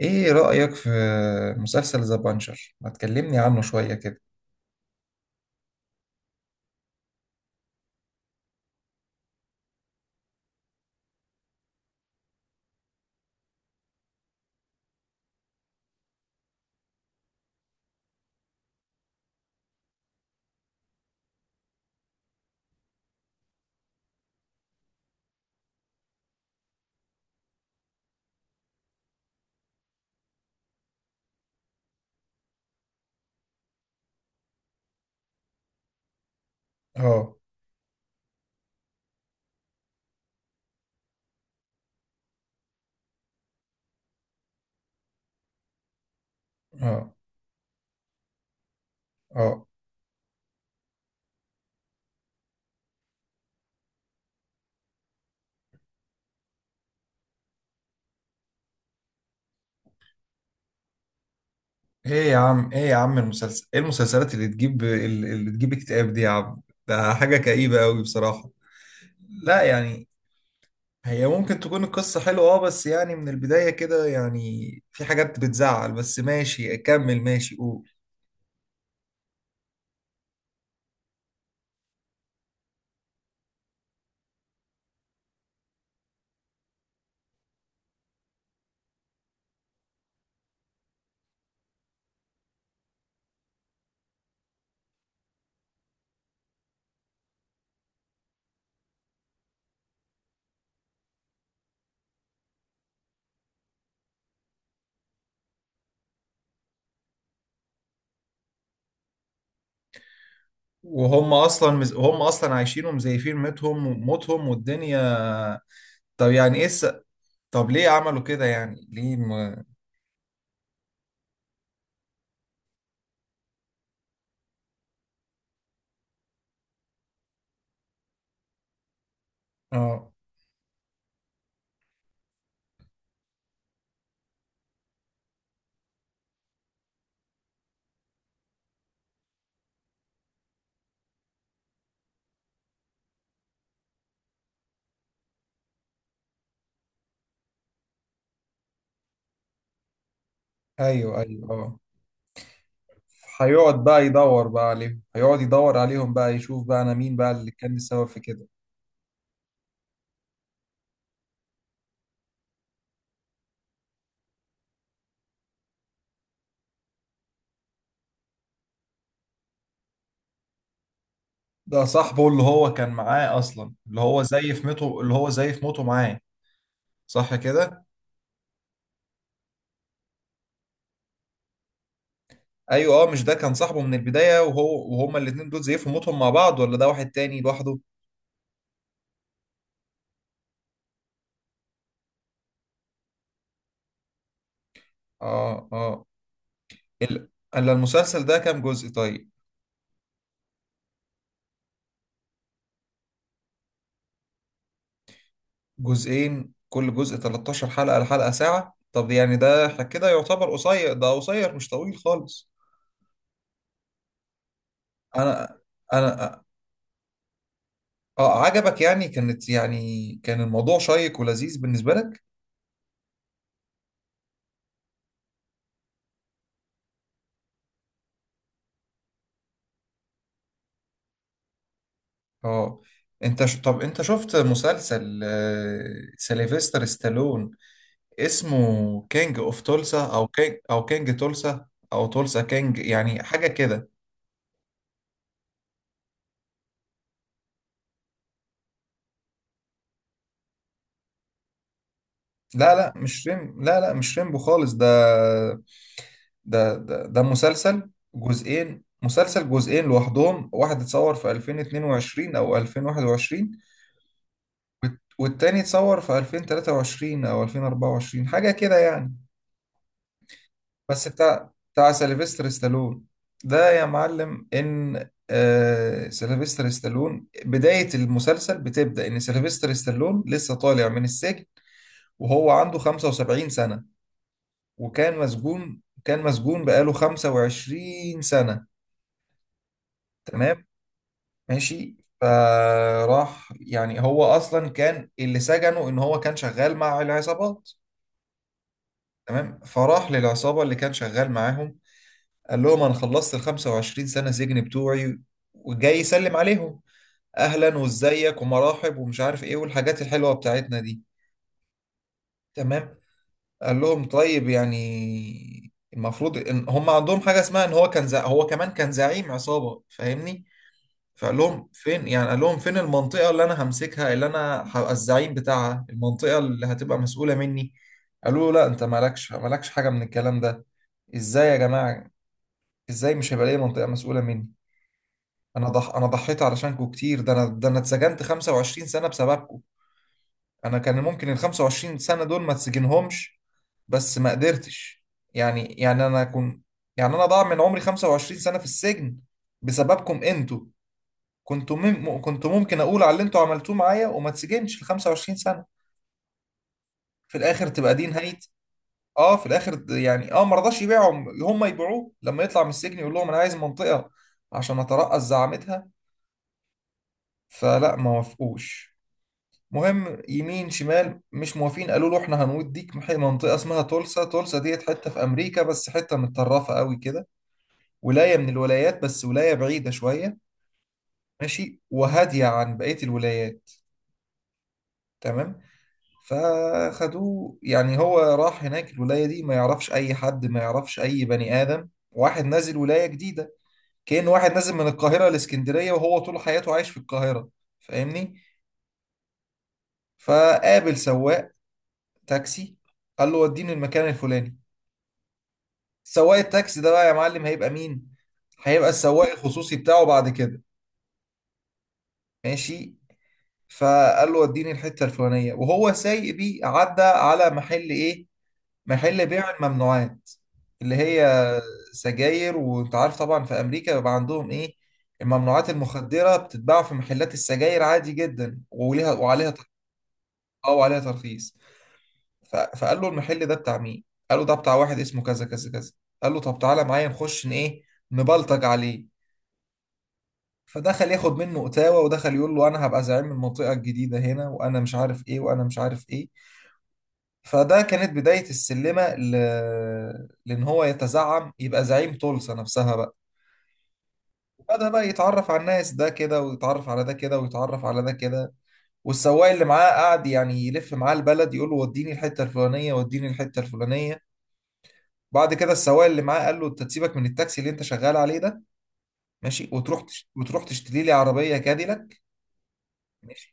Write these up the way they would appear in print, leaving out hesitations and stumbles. ايه رأيك في مسلسل ذا بانشر؟ ما تكلمني عنه شوية كده. اه. اه. اه. ايه يا عم، ايه يا عم المسلسل، ايه المسلسلات اللي تجيب اكتئاب دي يا عم؟ ده حاجة كئيبة قوي بصراحة. لا يعني، هي ممكن تكون القصة حلوة اه، بس يعني من البداية كده يعني في حاجات بتزعل. بس ماشي اكمل، ماشي قول. هم اصلا عايشين ومزيفين ميتهم وموتهم والدنيا. طب يعني ايه الس... طب ليه عملوا كده؟ يعني ليه ما... اه. ايوه ايوه اه. هيقعد يدور عليهم بقى، يشوف بقى انا مين بقى اللي كان السبب في كده. ده صاحبه اللي هو كان معاه اصلا، اللي هو زي في موته معاه، صح كده؟ ايوه اه، مش ده كان صاحبه من البداية وهو وهما الاتنين دول زي في موتهم مع بعض؟ ولا ده واحد تاني لوحده؟ اه اه. ال- الا المسلسل ده كام جزء طيب؟ جزئين، كل جزء 13 حلقة، الحلقة ساعة. طب يعني ده كده يعتبر قصير، ده قصير مش طويل خالص. انا انا اه، عجبك يعني؟ كانت يعني كان الموضوع شيق ولذيذ بالنسبة لك؟ اه طب انت شفت مسلسل سيلفستر ستالون اسمه كينج اوف تولسا، او كينج تولسا، او تولسا كينج، يعني حاجة كده؟ لا لا، مش ريم لا لا مش ريمبو خالص ده. ده مسلسل جزئين، مسلسل جزئين لوحدهم، واحد اتصور في 2022 او 2021، والتاني اتصور في 2023 او 2024 حاجه كده يعني. بس بتاع سيلفستر ستالون. ده يا معلم، ان سيلفستر ستالون بدايه المسلسل بتبدا ان سيلفستر ستالون لسه طالع من السجن، وهو عنده 75 سنه، وكان مسجون، كان مسجون بقاله 25 سنه. تمام، ماشي. فراح يعني، هو اصلا كان اللي سجنه ان هو كان شغال مع العصابات. تمام. فراح للعصابة اللي كان شغال معاهم، قال لهم أنا خلصت ال 25 سنة سجن بتوعي وجاي يسلم عليهم، أهلا وإزيك ومراحب ومش عارف إيه والحاجات الحلوة بتاعتنا دي. تمام. قال لهم طيب، يعني المفروض إن هم عندهم حاجة اسمها إن هو كان زع... هو كمان كان زعيم عصابة، فاهمني؟ فقال لهم فين، يعني قال لهم فين المنطقة اللي أنا همسكها، اللي أنا هبقى الزعيم بتاعها، المنطقة اللي هتبقى مسؤولة مني. قالوا له لا، أنت مالكش حاجة من الكلام ده. ازاي يا جماعة؟ ازاي مش هيبقى ليا منطقة مسؤولة مني؟ انا ضحيت علشانكم كتير، ده انا اتسجنت 25 سنة بسببكم. انا كان ممكن ال 25 سنة دول ما اتسجنهمش، بس ما قدرتش. يعني يعني انا كنت، يعني انا ضاع من عمري 25 سنة في السجن بسببكم انتوا. كنت ممكن اقول على اللي انتوا عملتوه معايا وما اتسجنش ال 25 سنة. في الاخر تبقى دي نهاية. اه، في الاخر يعني اه، ما رضاش يبيعهم، هم يبيعوه. لما يطلع من السجن يقول لهم انا عايز منطقة عشان اترأس زعامتها، فلا، ما وافقوش. مهم يمين شمال مش موافقين، قالوا له احنا هنوديك منطقة اسمها تولسا. تولسا ديت حتة في أمريكا، بس حتة متطرفة قوي كده، ولاية من الولايات، بس ولاية بعيدة شوية، ماشي، وهادية عن بقية الولايات. تمام. فخدوه، يعني هو راح هناك الولاية دي ما يعرفش أي حد، ما يعرفش أي بني آدم، واحد نازل ولاية جديدة، كأن واحد نازل من القاهرة لإسكندرية وهو طول حياته عايش في القاهرة، فاهمني؟ فقابل سواق تاكسي، قال له وديني المكان الفلاني. سواق التاكسي ده بقى يا معلم هيبقى مين؟ هيبقى السواق الخصوصي بتاعه بعد كده. ماشي. فقال له وديني الحتة الفلانية، وهو سايق بيه عدى على محل ايه؟ محل بيع الممنوعات، اللي هي سجاير. وانت عارف طبعا في امريكا بيبقى عندهم ايه، الممنوعات المخدرة بتتباع في محلات السجاير عادي جدا، وليها وعليها اه وعليها ترخيص. فقال له المحل ده بتاع مين؟ قال له ده بتاع واحد اسمه كذا كذا كذا. قال له طب تعالى معايا نخش ايه، نبلطج عليه. فدخل ياخد منه اتاوه، ودخل يقول له انا هبقى زعيم المنطقه الجديده هنا، وانا مش عارف ايه وانا مش عارف ايه. فده كانت بدايه السلمه لان هو يتزعم، يبقى زعيم طلسه نفسها بقى. بدأ بقى يتعرف على الناس ده كده، ويتعرف على ده كده، ويتعرف على ده كده. والسواق اللي معاه قعد يعني يلف معاه البلد، يقول له وديني الحته الفلانيه، وديني الحته الفلانيه. بعد كده السواق اللي معاه قال له انت تسيبك من التاكسي اللي انت شغال عليه ده، ماشي، وتروح تشتري لي عربيه كاديلاك، ماشي،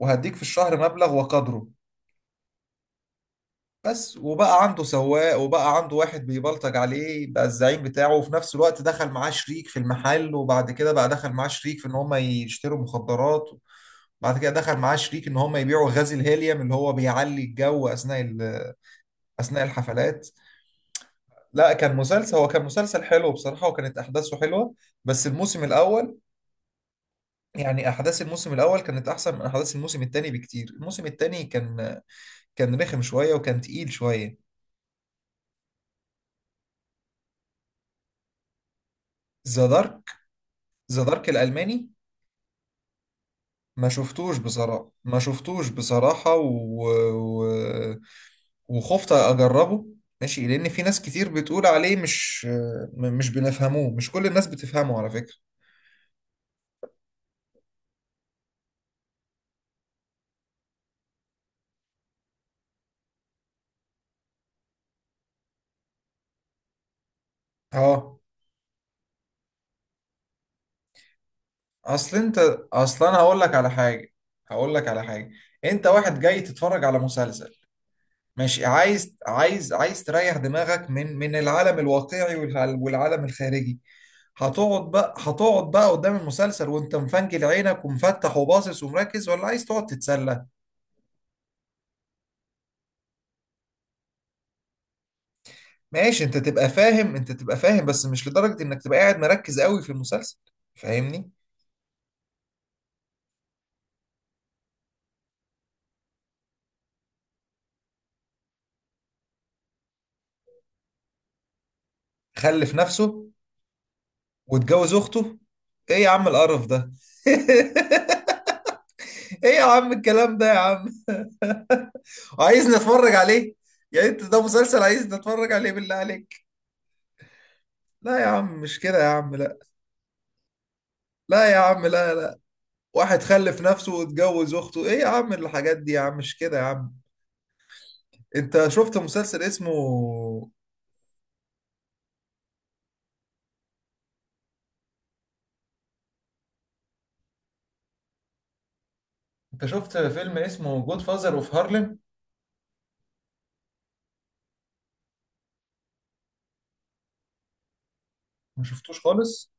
وهديك في الشهر مبلغ وقدره. بس، وبقى عنده سواق، وبقى عنده واحد بيبلطج عليه، بقى الزعيم بتاعه. وفي نفس الوقت دخل معاه شريك في المحل، وبعد كده بقى دخل معاه شريك في ان هم يشتروا مخدرات. بعد كده دخل معاه شريك ان هم يبيعوا غاز الهيليوم اللي هو بيعلي الجو اثناء اثناء الحفلات. لا، كان مسلسل، هو كان مسلسل حلو بصراحه، وكانت احداثه حلوه، بس الموسم الاول. يعني احداث الموسم الاول كانت احسن من احداث الموسم الثاني بكتير، الموسم الثاني كان، كان رخم شويه وكان تقيل شويه. ذا دارك. ذا دارك الالماني؟ ما شفتوش بصراحه، ما شفتوش بصراحه و... وخفت اجربه، ماشي، لان في ناس كتير بتقول عليه مش، مش بنفهموه، مش كل الناس بتفهمه على فكره. اه. اصل انت، اصلا انا هقول لك على حاجه، هقول لك على حاجه. انت واحد جاي تتفرج على مسلسل، مش عايز، عايز تريح دماغك من العالم الواقعي والعالم الخارجي. هتقعد بقى قدام المسلسل وانت مفنجل عينك ومفتح وباصص ومركز، ولا عايز تقعد تتسلى؟ ماشي، انت تبقى فاهم، انت تبقى فاهم، بس مش لدرجة انك تبقى قاعد مركز قوي في المسلسل، فاهمني؟ خلف نفسه واتجوز اخته؟ ايه يا عم القرف ده! ايه يا عم الكلام ده يا عم! عايز نتفرج عليه؟ يعني انت ده مسلسل عايز نتفرج عليه بالله عليك؟ لا يا عم، مش كده يا عم، لا. لا يا عم، لا. لا، واحد خلف نفسه واتجوز اخته، ايه يا عم الحاجات دي يا عم، مش كده يا عم. انت شفت مسلسل اسمه، انت شفت فيلم اسمه جود فازر اوف هارلم؟ ما شفتوش خالص؟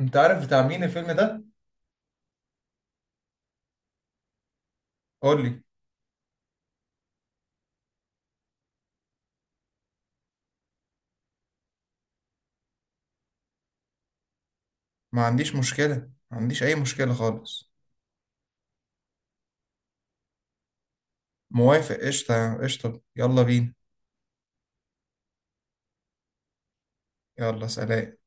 انت عارف بتاع مين الفيلم ده؟ قول لي. ما عنديش مشكلة، ما عنديش اي مشكلة خالص. موافق، قشطة قشطة، يلا بينا. يلا سلام.